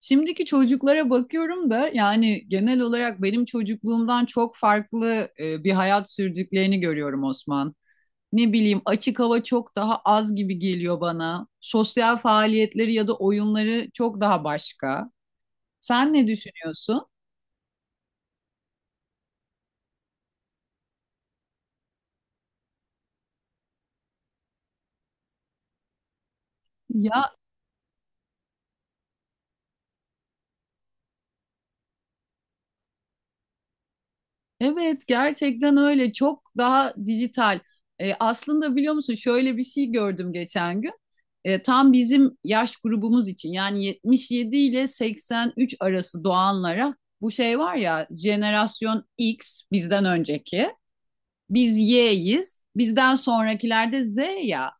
Şimdiki çocuklara bakıyorum da yani genel olarak benim çocukluğumdan çok farklı bir hayat sürdüklerini görüyorum Osman. Ne bileyim açık hava çok daha az gibi geliyor bana. Sosyal faaliyetleri ya da oyunları çok daha başka. Sen ne düşünüyorsun? Evet, gerçekten öyle, çok daha dijital. Aslında biliyor musun, şöyle bir şey gördüm geçen gün. Tam bizim yaş grubumuz için, yani 77 ile 83 arası doğanlara, bu şey var ya, jenerasyon X bizden önceki. Biz Y'yiz. Bizden sonrakiler de Z ya.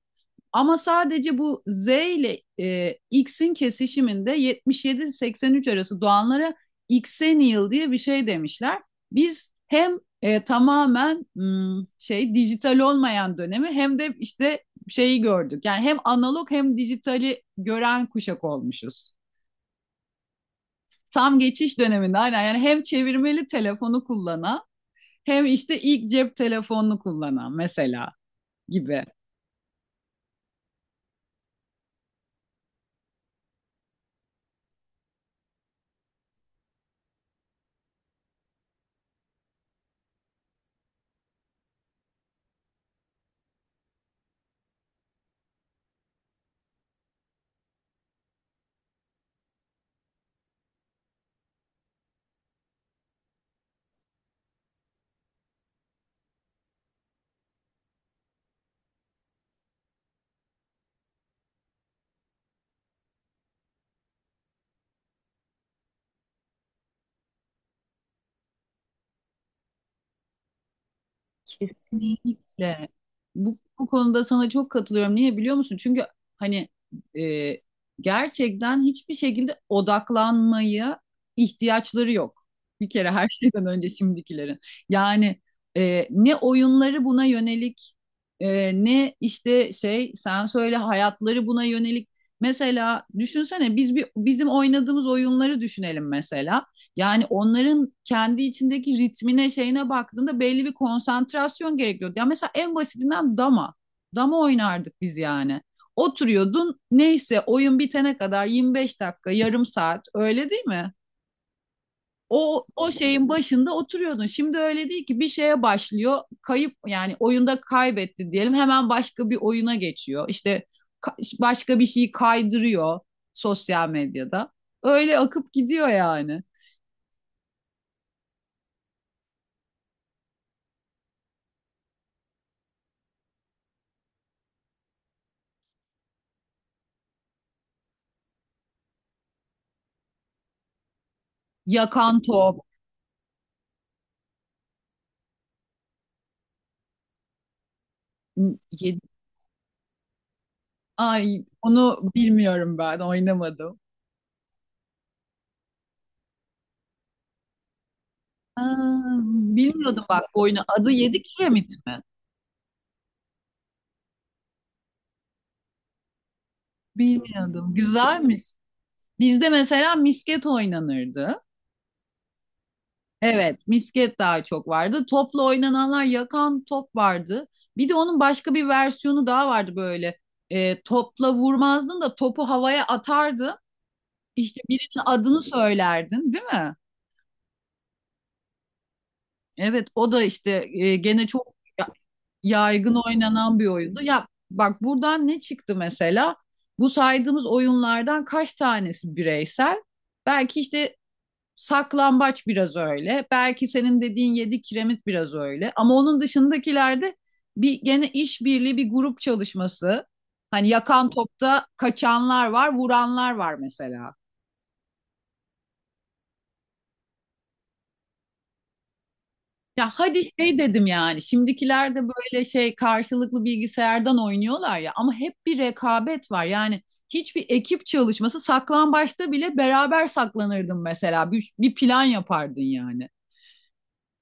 Ama sadece bu Z ile X'in kesişiminde 77-83 arası doğanlara Xennial diye bir şey demişler. Biz hem e, tamamen hmm, şey dijital olmayan dönemi hem de işte şeyi gördük. Yani hem analog hem dijitali gören kuşak olmuşuz. Tam geçiş döneminde, aynen. Yani hem çevirmeli telefonu kullanan hem işte ilk cep telefonunu kullanan mesela gibi. Kesinlikle. Bu konuda sana çok katılıyorum. Niye biliyor musun? Çünkü hani e, gerçekten hiçbir şekilde odaklanmaya ihtiyaçları yok. Bir kere her şeyden önce şimdikilerin. Yani ne oyunları buna yönelik, e, ne işte şey sen söyle hayatları buna yönelik. Mesela düşünsene, biz bir bizim oynadığımız oyunları düşünelim mesela. Yani onların kendi içindeki ritmine şeyine baktığında belli bir konsantrasyon gerekiyordu. Ya mesela en basitinden dama. Dama oynardık biz yani. Oturuyordun, neyse oyun bitene kadar 25 dakika, yarım saat, öyle değil mi? O şeyin başında oturuyordun. Şimdi öyle değil ki, bir şeye başlıyor, kayıp yani oyunda kaybetti diyelim, hemen başka bir oyuna geçiyor. İşte başka bir şeyi kaydırıyor sosyal medyada. Öyle akıp gidiyor yani. Yakan top. Yedi. Ay, onu bilmiyorum, ben oynamadım. Aa, bilmiyordum bak bu oyunu. Adı Yedi Kiremit mi? Bilmiyordum. Güzelmiş. Bizde mesela misket oynanırdı. Evet, misket daha çok vardı. Topla oynananlar, yakan top vardı. Bir de onun başka bir versiyonu daha vardı böyle. Topla vurmazdın da topu havaya atardın. İşte birinin adını söylerdin, değil mi? Evet, o da işte gene çok yaygın oynanan bir oyundu. Ya bak, buradan ne çıktı mesela? Bu saydığımız oyunlardan kaç tanesi bireysel? Belki işte saklambaç biraz öyle. Belki senin dediğin yedi kiremit biraz öyle. Ama onun dışındakilerde bir gene işbirliği, bir grup çalışması. Hani yakan topta kaçanlar var, vuranlar var mesela. Ya hadi şey dedim yani, şimdikiler de böyle şey karşılıklı bilgisayardan oynuyorlar ya, ama hep bir rekabet var. Yani hiçbir ekip çalışması. Saklambaçta bile beraber saklanırdın mesela, bir plan yapardın yani.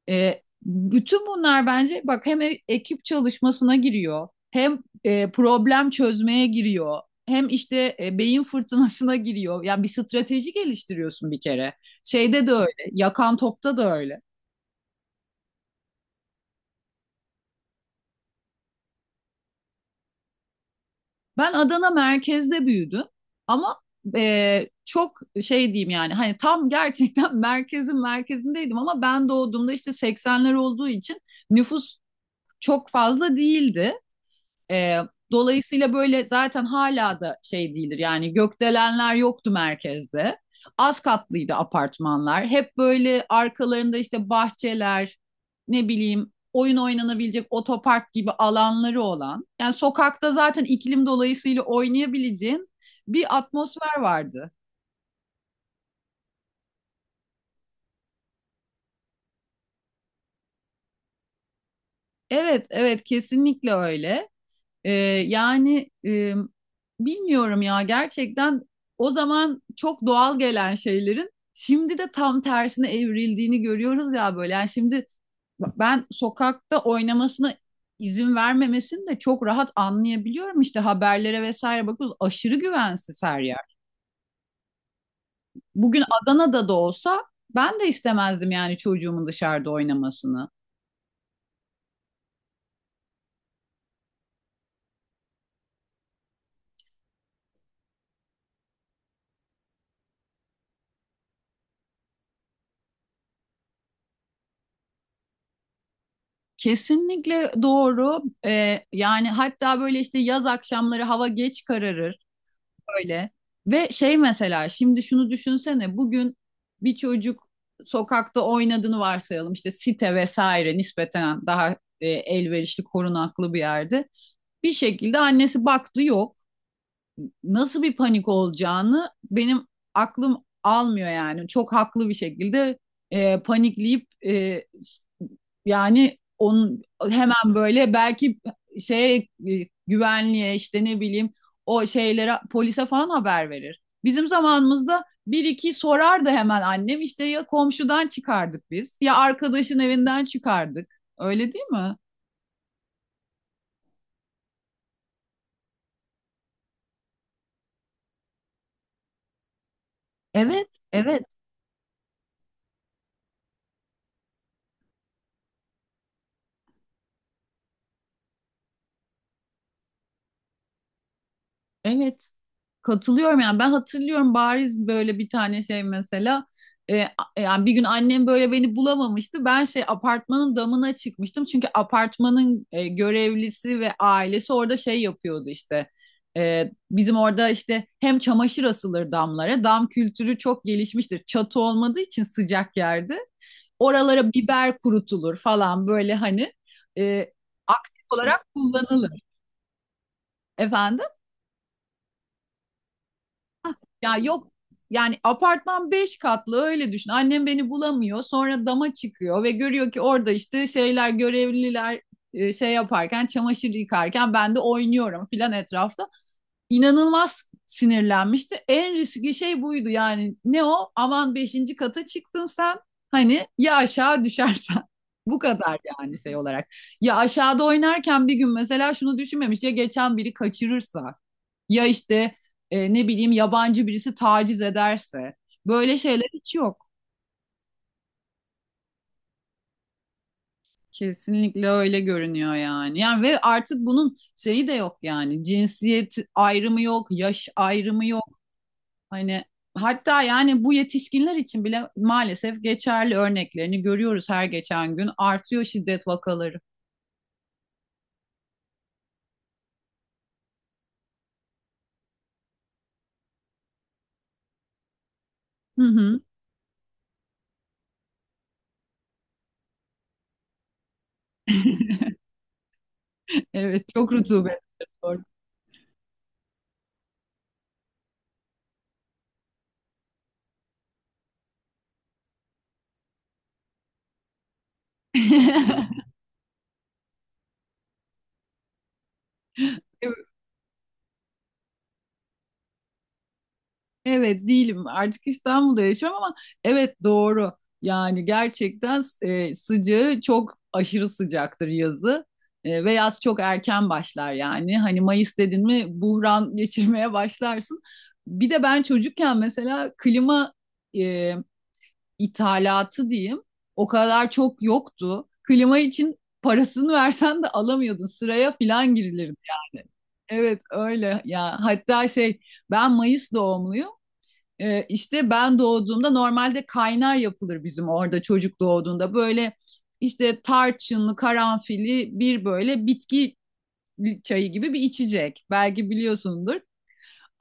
Bütün bunlar bence bak, hem ekip çalışmasına giriyor, hem problem çözmeye giriyor, hem işte beyin fırtınasına giriyor. Yani bir strateji geliştiriyorsun bir kere. Şeyde de öyle, yakan topta da öyle. Ben Adana merkezde büyüdüm ama çok şey diyeyim yani, hani tam gerçekten merkezin merkezindeydim, ama ben doğduğumda işte 80'ler olduğu için nüfus çok fazla değildi. Ee, Dolayısıyla böyle zaten hala da şey değildir yani, gökdelenler yoktu merkezde. Az katlıydı apartmanlar. Hep böyle arkalarında işte bahçeler, ne bileyim oyun oynanabilecek otopark gibi alanları olan. Yani sokakta zaten iklim dolayısıyla oynayabileceğin bir atmosfer vardı. Evet, evet, kesinlikle öyle. Ee, yani e, Bilmiyorum ya, gerçekten o zaman çok doğal gelen şeylerin şimdi de tam tersine evrildiğini görüyoruz ya böyle. Yani şimdi ben sokakta oynamasına izin vermemesini de çok rahat anlayabiliyorum. İşte haberlere vesaire bakıyoruz, aşırı güvensiz her yer. Bugün Adana'da da olsa ben de istemezdim yani çocuğumun dışarıda oynamasını. Kesinlikle doğru. Yani hatta böyle işte yaz akşamları hava geç kararır. Öyle. Ve şey mesela şimdi şunu düşünsene, bugün bir çocuk sokakta oynadığını varsayalım, işte site vesaire nispeten daha elverişli korunaklı bir yerde, bir şekilde annesi baktı yok, nasıl bir panik olacağını benim aklım almıyor yani. Çok haklı bir şekilde panikleyip yani onun hemen böyle belki şey güvenliğe, işte ne bileyim, o şeylere, polise falan haber verir. Bizim zamanımızda bir iki sorardı hemen annem, işte ya komşudan çıkardık biz, ya arkadaşın evinden çıkardık. Öyle değil mi? Evet, evet, evet. Katılıyorum yani, ben hatırlıyorum bariz böyle bir tane şey mesela e, a- yani bir gün annem böyle beni bulamamıştı. Ben şey apartmanın damına çıkmıştım çünkü apartmanın görevlisi ve ailesi orada şey yapıyordu işte. Bizim orada işte hem çamaşır asılır damlara. Dam kültürü çok gelişmiştir. Çatı olmadığı için, sıcak yerde. Oralara biber kurutulur falan böyle, hani e, aktif olarak kullanılır. Efendim? Ya yok yani, apartman 5 katlı öyle düşün. Annem beni bulamıyor. Sonra dama çıkıyor ve görüyor ki orada işte şeyler, görevliler şey yaparken, çamaşır yıkarken ben de oynuyorum filan etrafta. İnanılmaz sinirlenmişti. En riskli şey buydu yani. Ne o? Aman beşinci kata çıktın sen. Hani ya aşağı düşersen. Bu kadar yani şey olarak. Ya aşağıda oynarken bir gün mesela şunu düşünmemiş ya, geçen biri kaçırırsa. Ya işte ne bileyim, yabancı birisi taciz ederse. Böyle şeyler hiç yok. Kesinlikle öyle görünüyor yani. Yani ve artık bunun şeyi de yok yani. Cinsiyet ayrımı yok, yaş ayrımı yok. Hani hatta yani bu yetişkinler için bile maalesef geçerli, örneklerini görüyoruz her geçen gün. Artıyor şiddet vakaları. Hı hı. Evet, çok rutubet. Doğru. Evet, değilim. Artık İstanbul'da yaşıyorum ama evet, doğru. Yani gerçekten sıcağı çok, aşırı sıcaktır yazı. Ve yaz çok erken başlar yani. Hani Mayıs dedin mi buhran geçirmeye başlarsın. Bir de ben çocukken mesela klima e, ithalatı diyeyim, o kadar çok yoktu. Klima için parasını versen de alamıyordun. Sıraya filan girilirdi yani. Evet öyle ya. Hatta şey, ben Mayıs doğumluyum. İşte ben doğduğumda normalde kaynar yapılır bizim orada, çocuk doğduğunda. Böyle işte tarçınlı, karanfilli bir böyle bitki çayı gibi bir içecek. Belki biliyorsundur.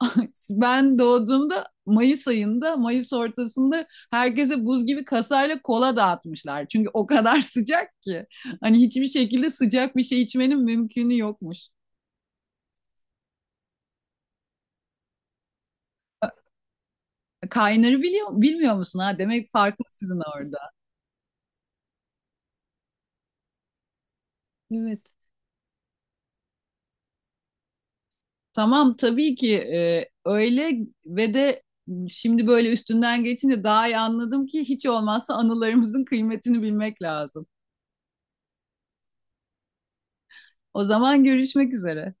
Ben doğduğumda Mayıs ayında, Mayıs ortasında herkese buz gibi kasayla kola dağıtmışlar. Çünkü o kadar sıcak ki. Hani hiçbir şekilde sıcak bir şey içmenin mümkünü yokmuş. Kaynarı biliyor, bilmiyor musun ha? Demek farklı sizin orada. Evet. Tamam tabii ki, öyle. Ve de şimdi böyle üstünden geçince daha iyi anladım ki hiç olmazsa anılarımızın kıymetini bilmek lazım. O zaman görüşmek üzere.